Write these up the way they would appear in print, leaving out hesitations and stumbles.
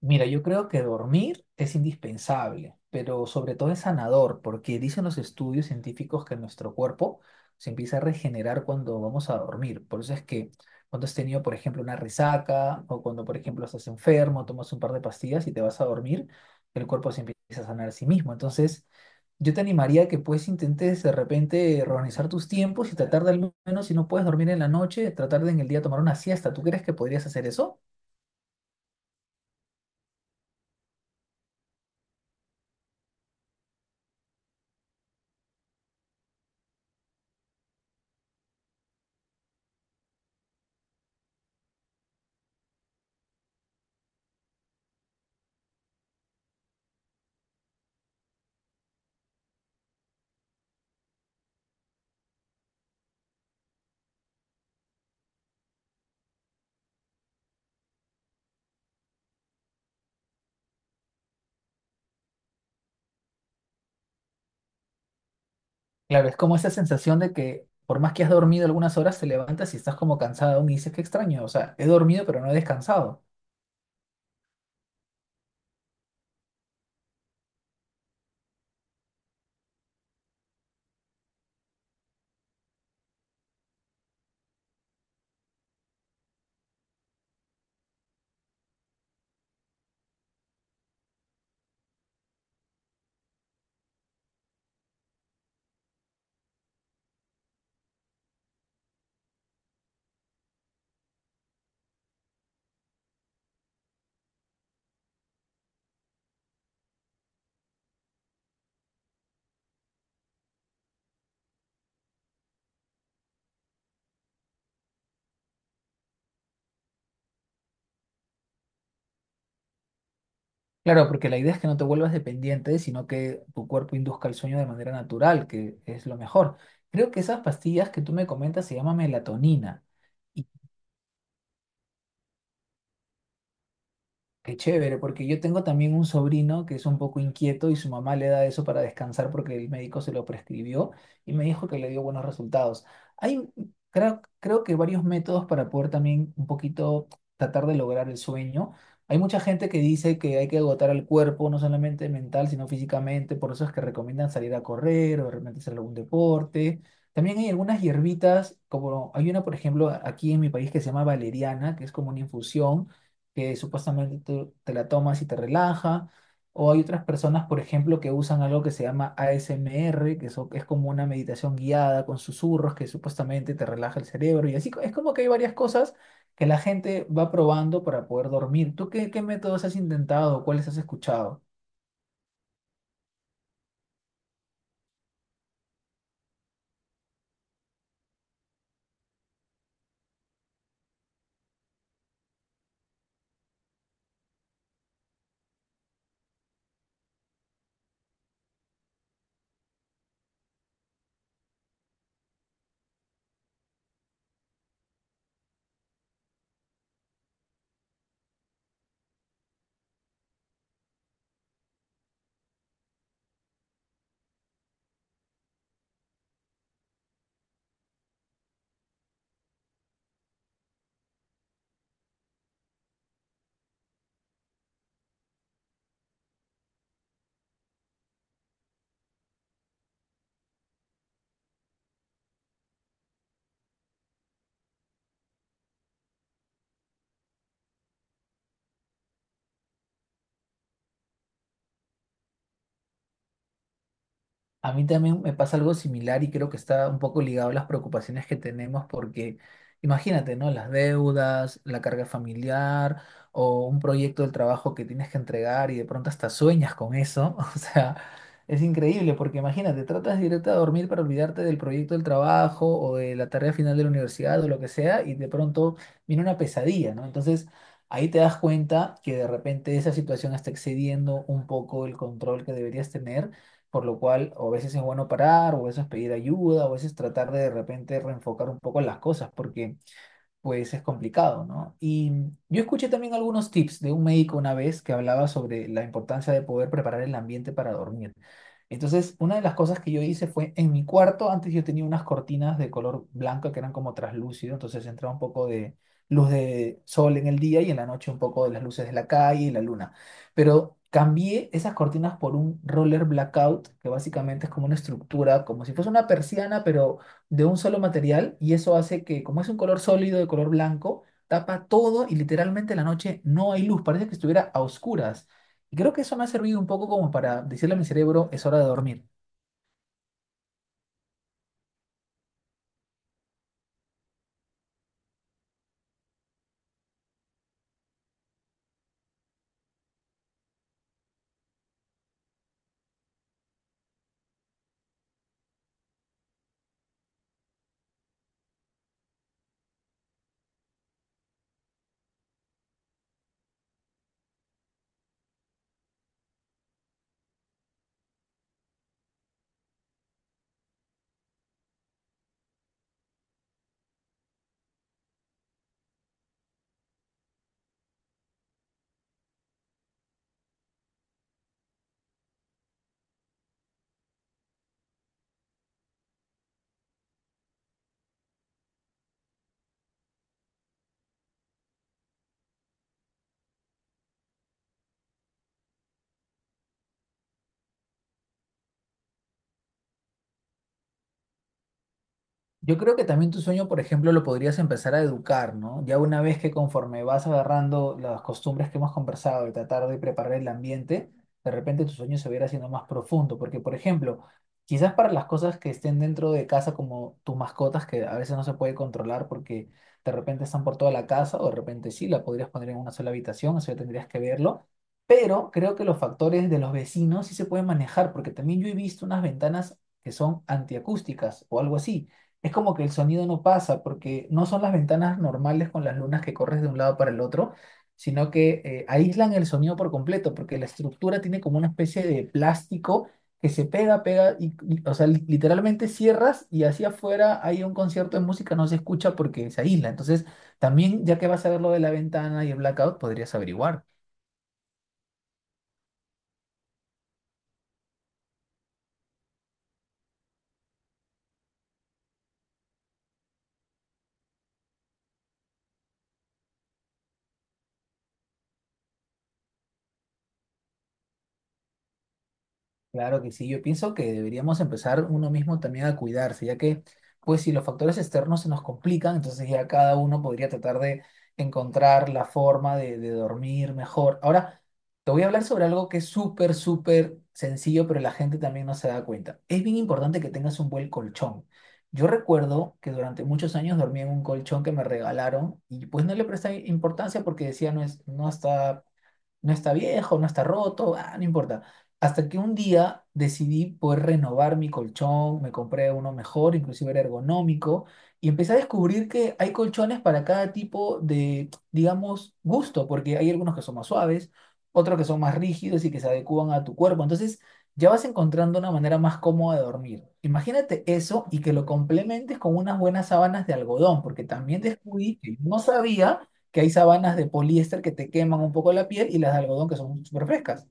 Mira, yo creo que dormir es indispensable, pero sobre todo es sanador, porque dicen los estudios científicos que nuestro cuerpo se empieza a regenerar cuando vamos a dormir. Por eso es que cuando has tenido, por ejemplo, una resaca o cuando, por ejemplo, estás enfermo, tomas un par de pastillas y te vas a dormir, el cuerpo se empieza a sanar a sí mismo. Entonces, yo te animaría que pues intentes de repente organizar tus tiempos y tratar de al menos, si no puedes dormir en la noche, tratar de en el día tomar una siesta. ¿Tú crees que podrías hacer eso? Claro, es como esa sensación de que por más que has dormido algunas horas, te levantas y estás como cansado aún y dices, qué extraño, o sea, he dormido pero no he descansado. Claro, porque la idea es que no te vuelvas dependiente, sino que tu cuerpo induzca el sueño de manera natural, que es lo mejor. Creo que esas pastillas que tú me comentas se llaman melatonina. Qué chévere, porque yo tengo también un sobrino que es un poco inquieto y su mamá le da eso para descansar porque el médico se lo prescribió y me dijo que le dio buenos resultados. Hay, creo que varios métodos para poder también un poquito tratar de lograr el sueño. Hay mucha gente que dice que hay que agotar al cuerpo, no solamente mental, sino físicamente, por eso es que recomiendan salir a correr o de repente hacer algún deporte. También hay algunas hierbitas, como hay una, por ejemplo, aquí en mi país que se llama valeriana, que es como una infusión que supuestamente tú te la tomas y te relaja. O hay otras personas, por ejemplo, que usan algo que se llama ASMR, que eso es como una meditación guiada con susurros que supuestamente te relaja el cerebro. Y así es como que hay varias cosas que la gente va probando para poder dormir. ¿Tú qué métodos has intentado o cuáles has escuchado? A mí también me pasa algo similar y creo que está un poco ligado a las preocupaciones que tenemos porque imagínate, ¿no? Las deudas, la carga familiar o un proyecto del trabajo que tienes que entregar y de pronto hasta sueñas con eso. O sea, es increíble porque imagínate, tratas directo a dormir para olvidarte del proyecto del trabajo o de la tarea final de la universidad o lo que sea y de pronto viene una pesadilla, ¿no? Entonces… Ahí te das cuenta que de repente esa situación está excediendo un poco el control que deberías tener, por lo cual o a veces es bueno parar, o a veces pedir ayuda, o a veces tratar de repente reenfocar un poco las cosas, porque pues es complicado, ¿no? Y yo escuché también algunos tips de un médico una vez que hablaba sobre la importancia de poder preparar el ambiente para dormir. Entonces, una de las cosas que yo hice fue en mi cuarto, antes yo tenía unas cortinas de color blanco que eran como traslúcido, entonces entraba un poco de luz de sol en el día y en la noche un poco de las luces de la calle y la luna. Pero cambié esas cortinas por un roller blackout, que básicamente es como una estructura, como si fuese una persiana, pero de un solo material y eso hace que, como es un color sólido de color blanco, tapa todo y literalmente en la noche no hay luz, parece que estuviera a oscuras. Y creo que eso me ha servido un poco como para decirle a mi cerebro, es hora de dormir. Yo creo que también tu sueño, por ejemplo, lo podrías empezar a educar, ¿no? Ya una vez que conforme vas agarrando las costumbres que hemos conversado de tratar de preparar el ambiente, de repente tu sueño se va a ir haciendo más profundo, porque, por ejemplo, quizás para las cosas que estén dentro de casa, como tus mascotas, que a veces no se puede controlar porque de repente están por toda la casa, o de repente sí, la podrías poner en una sola habitación, eso ya tendrías que verlo. Pero creo que los factores de los vecinos sí se pueden manejar, porque también yo he visto unas ventanas que son antiacústicas o algo así, es como que el sonido no pasa porque no son las ventanas normales con las lunas que corres de un lado para el otro, sino que aíslan el sonido por completo porque la estructura tiene como una especie de plástico que se pega, pega o sea, literalmente cierras y hacia afuera hay un concierto de música, no se escucha porque se aísla. Entonces, también ya que vas a ver lo de la ventana y el blackout, podrías averiguar. Claro que sí, yo pienso que deberíamos empezar uno mismo también a cuidarse, ya que, pues, si los factores externos se nos complican, entonces ya cada uno podría tratar de encontrar la forma de dormir mejor. Ahora, te voy a hablar sobre algo que es súper, súper sencillo, pero la gente también no se da cuenta. Es bien importante que tengas un buen colchón. Yo recuerdo que durante muchos años dormí en un colchón que me regalaron y pues no le presté importancia porque decía, no es, no está, no está viejo, no está roto, ah, no importa. Hasta que un día decidí poder renovar mi colchón, me compré uno mejor, inclusive era ergonómico, y empecé a descubrir que hay colchones para cada tipo de, digamos, gusto, porque hay algunos que son más suaves, otros que son más rígidos y que se adecúan a tu cuerpo. Entonces, ya vas encontrando una manera más cómoda de dormir. Imagínate eso y que lo complementes con unas buenas sábanas de algodón, porque también descubrí que no sabía que hay sabanas de poliéster que te queman un poco la piel y las de algodón que son súper frescas.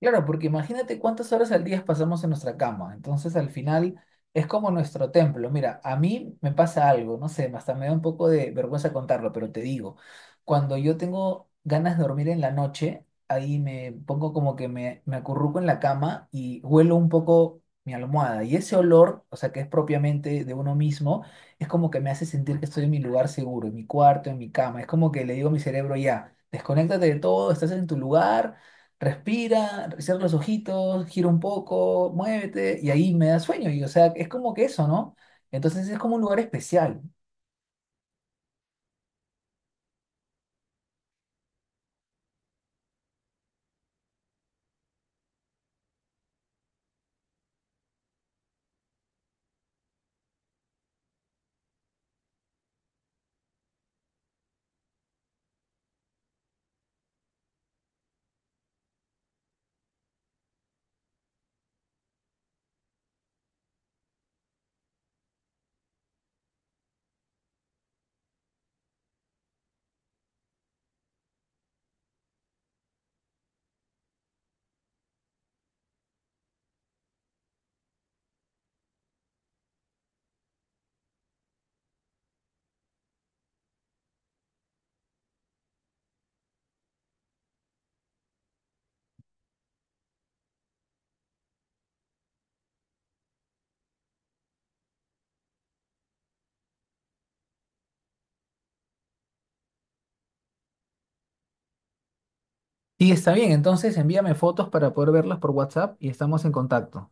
Claro, porque imagínate cuántas horas al día pasamos en nuestra cama. Entonces, al final es como nuestro templo. Mira, a mí me pasa algo, no sé, hasta me da un poco de vergüenza contarlo, pero te digo, cuando yo tengo ganas de dormir en la noche, ahí me pongo como que me acurruco en la cama y huelo un poco mi almohada. Y ese olor, o sea, que es propiamente de uno mismo, es como que me hace sentir que estoy en mi lugar seguro, en mi cuarto, en mi cama. Es como que le digo a mi cerebro, ya, desconéctate de todo, estás en tu lugar. Respira, cierra los ojitos, gira un poco, muévete y ahí me da sueño. Y o sea, es como que eso, ¿no? Entonces es como un lugar especial. Y está bien, entonces envíame fotos para poder verlas por WhatsApp y estamos en contacto.